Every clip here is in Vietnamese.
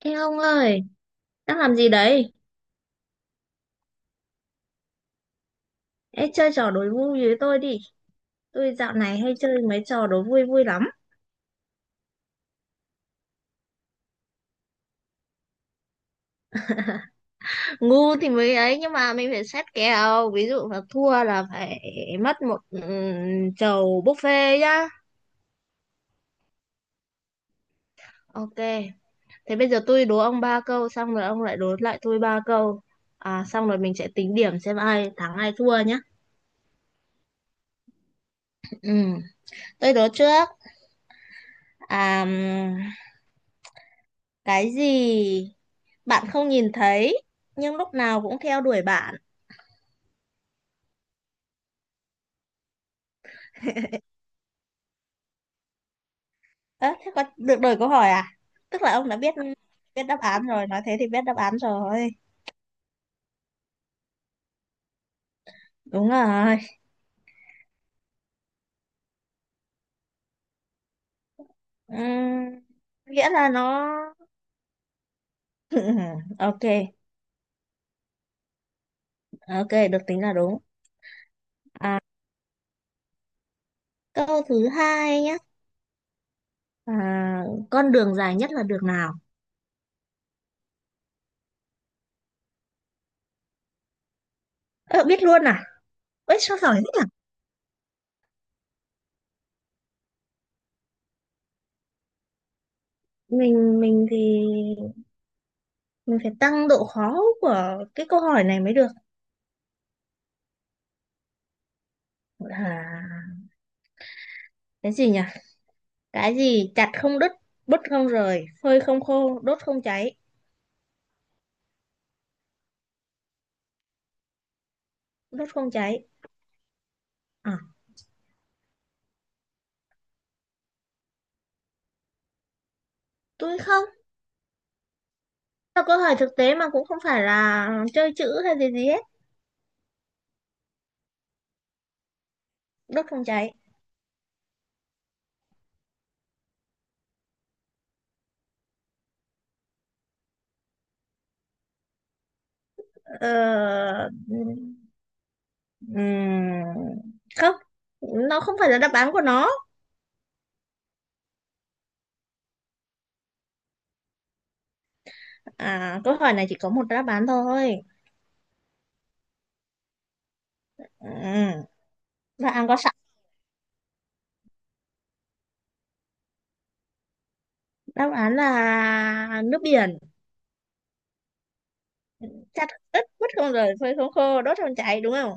Ê ông ơi, đang làm gì đấy? Ê, chơi trò đố vui với tôi đi. Tôi dạo này hay chơi mấy trò đố vui vui lắm. Ngu thì mới ấy, nhưng mà mình phải xét kèo. Ví dụ là thua là phải mất một chầu buffet nhá. Ok, thế bây giờ tôi đố ông ba câu, xong rồi ông lại đố lại tôi ba câu. À, xong rồi mình sẽ tính điểm xem ai thắng ai thua nhá. Ừ, tôi đố trước. À, cái gì bạn không nhìn thấy, nhưng lúc nào cũng theo đuổi bạn? Ơ, thế có được đổi câu hỏi à? Tức là ông đã biết biết đáp án rồi, nói thế thì biết đáp án rồi. Đúng rồi. Ừm, nghĩa là nó. Ok, ok được tính là đúng. À, câu thứ hai nhé. À, con đường dài nhất là đường nào? Ờ, biết luôn à? Ơi sao giỏi thế nhỉ? Mình thì mình phải tăng độ khó của cái câu hỏi này mới được. À, cái gì nhỉ? Cái gì chặt không đứt, bứt không rời, phơi không khô, đốt không cháy, đốt không cháy. À, tôi không, là câu hỏi thực tế mà cũng không phải là chơi chữ hay gì gì hết. Đốt phòng cháy. Ờ, ừm, không, nó không phải là đáp án của nó. À, câu hỏi này chỉ có một đáp án thôi. Ừ, đáp án có sẵn. Đáp án là nước biển. Chặt ướt mất không, rồi phơi không khô, đốt phòng cháy, đúng không?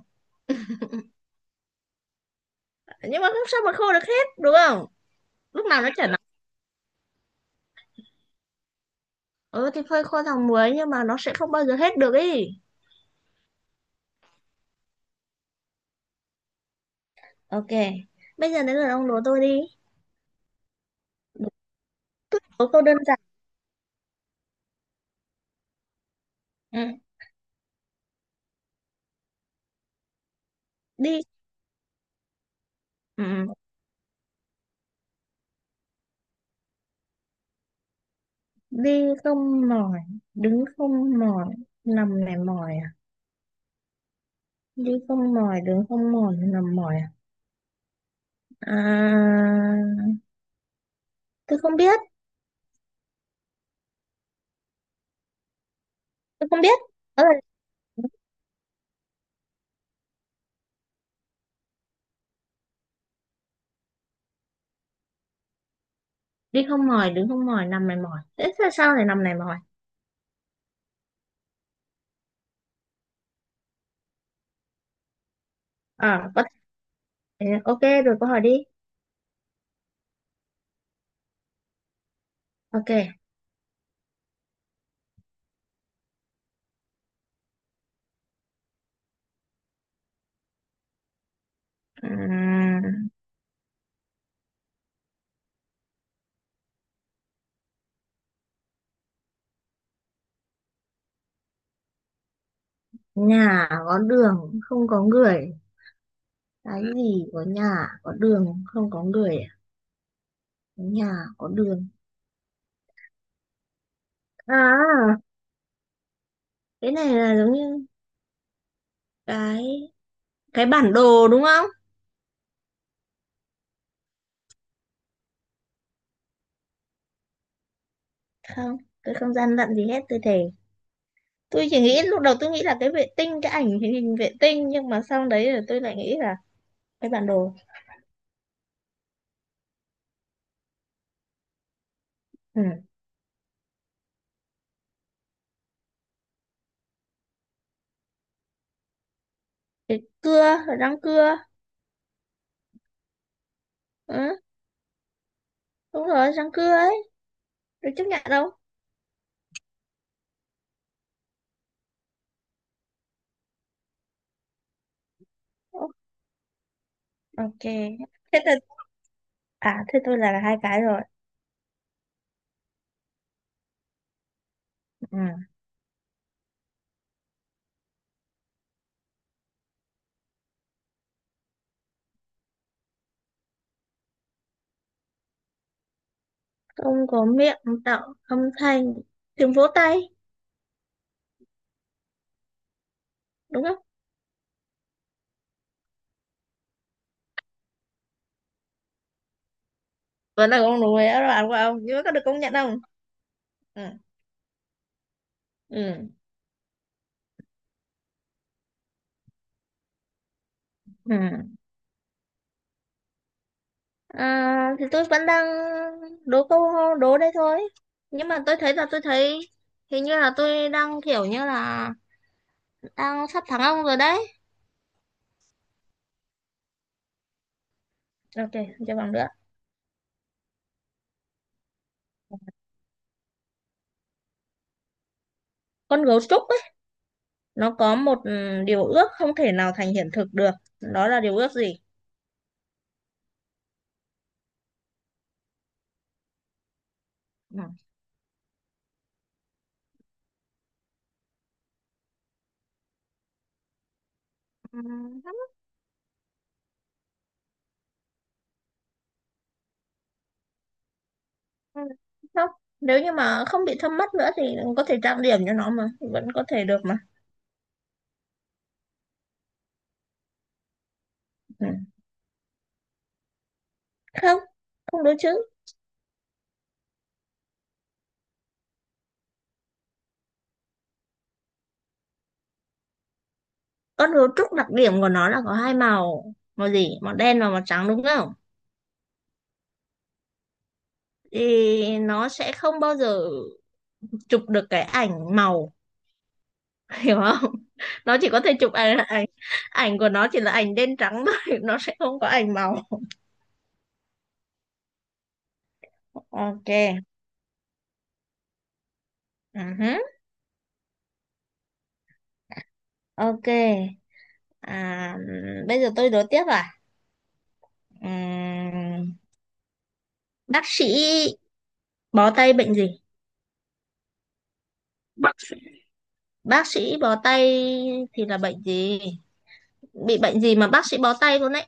Nhưng mà không sao mà khô được hết đúng không? Lúc nào nó chảy nóng. Ừ thì phơi khô thằng muối, nhưng mà nó sẽ không bao giờ hết được ý. Ok, bây giờ đến lượt ông đố tôi đi. Tức là có câu đơn giản. Ừ. Đi. Ừ, đi không mỏi, đứng không mỏi, nằm này mỏi à? Đi không mỏi, đứng không mỏi, nằm mỏi à? À, tôi không biết. Tôi không biết. Đó là đi không mỏi, đứng không mỏi, nằm này mỏi, thế sao sao lại nằm này mỏi? Ờ, có thể ok rồi, câu hỏi đi. Ok. Ừm, nhà có đường không có người. Cái gì có nhà có đường không có người à? Nhà có đường. À, cái này là giống như cái cái bản đồ đúng không? Không, tôi không gian lận gì hết, tôi thề. Tôi chỉ nghĩ lúc đầu, tôi nghĩ là cái vệ tinh, cái ảnh hình hình vệ tinh, nhưng mà sau đấy là tôi lại nghĩ là cái bản đồ. Ừ. Cái cưa, răng cưa. Ừ. Đúng rồi, răng cưa ấy. Được chấp nhận đâu. Ok, thế tôi, à thế tôi là hai cái rồi. Ừ. Không có miệng tạo âm thanh, tiếng vỗ tay, đúng không? Vẫn là con đùi đó bạn của ông, nhưng mà có được công nhận không? Ừ. Ừ. Ừ. À, thì tôi vẫn đang đố câu đố đây thôi, nhưng mà tôi thấy là tôi thấy hình như là tôi đang kiểu như là đang sắp thắng ông rồi đấy. Ok, cho bằng nữa. Con gấu trúc ấy, nó có một điều ước không thể nào thành hiện thực được. Đó là điều ước gì? Ừ. Không, nếu như mà không bị thâm mắt nữa thì có thể trang điểm cho nó mà, vẫn có thể được mà. Ừ. Không, không đúng chứ. Con gấu trúc đặc điểm của nó là có hai màu, màu gì, màu đen và màu trắng, đúng không? Thì nó sẽ không bao giờ chụp được cái ảnh màu. Hiểu không? Nó chỉ có thể chụp ảnh ảnh ảnh của nó chỉ là ảnh đen trắng thôi. Nó sẽ không có ảnh màu. Ok. Ừ hứ, ok. À, bây giờ tôi đố tiếp à. Ừm, bác sĩ bó tay bệnh gì? Bác sĩ bó tay thì là bệnh gì? Bị bệnh gì mà bác sĩ bó tay luôn đấy?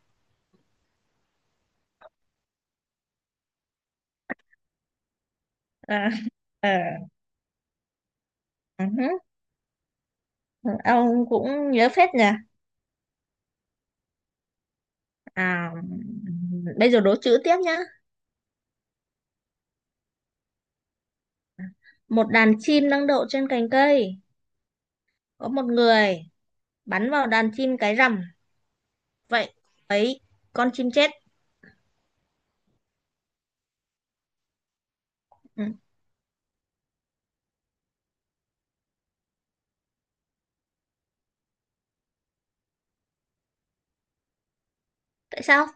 À, ờ, ừ hứ, ừ, ông cũng nhớ phết nhỉ. À, bây giờ đố chữ tiếp nhá. Một đàn chim đang đậu trên cành cây, có một người bắn vào đàn chim cái rằm. Vậy ấy, con chim chết. Ừ. Tại sao?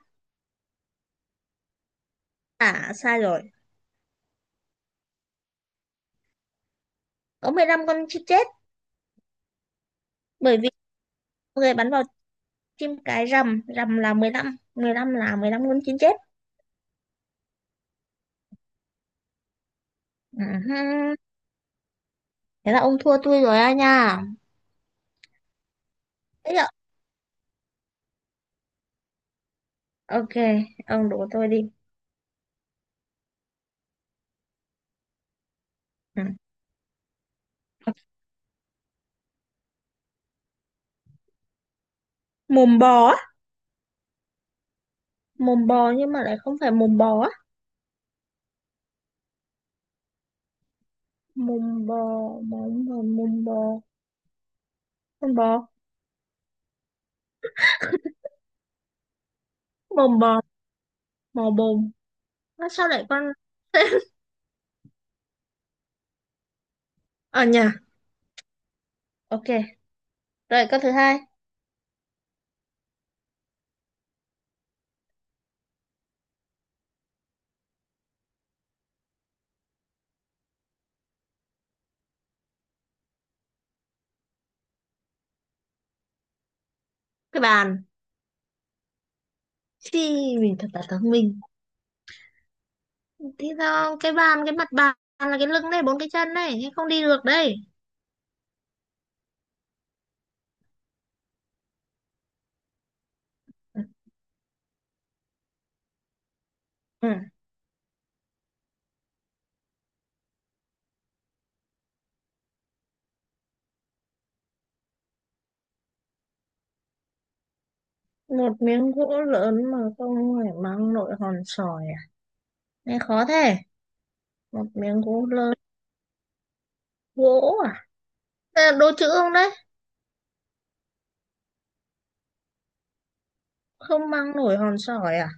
À sai rồi, có 15 con chim chết. Bởi vì người bắn vào chim cái rằm, rằm là 15, 15 là 15 con chim chết. Ừ. Thế là ông thua tôi rồi á nha. Thế ạ? Ok, ông đổ tôi đi. Ừ. Mồm bò á? Mồm bò nhưng mà lại không phải mồm bò á? Mồm bò, mồm bò, mồm bò, con bò, mồm bò, mồm bồm. Sao lại con. Ở nhà, ok rồi câu thứ hai. Cái bàn. Thì mình thật là thông minh. Thế sao cái bàn, cái mặt bàn là cái lưng này, bốn cái chân này, thế không đi được đây. Ừ. Một miếng gỗ lớn mà không phải mang nội hòn sỏi à? Nghe khó thế. Một miếng gỗ lớn, gỗ à? Đây là đố chữ không đấy? Không mang nổi hòn sỏi à?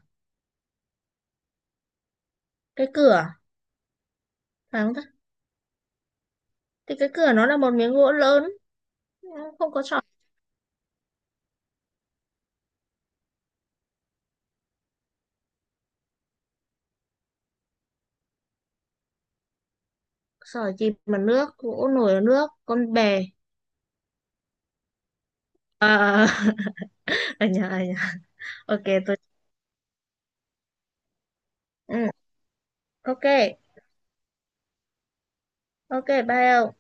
Cái cửa, phải không ta? Thì cái cửa nó là một miếng gỗ lớn, không có sỏi. Sỏi chìm mà nước, gỗ nổi ở nước, con bè. À, ở nhà, ở nhà. Ok, tôi. Ừ, ok, ok, bye ông.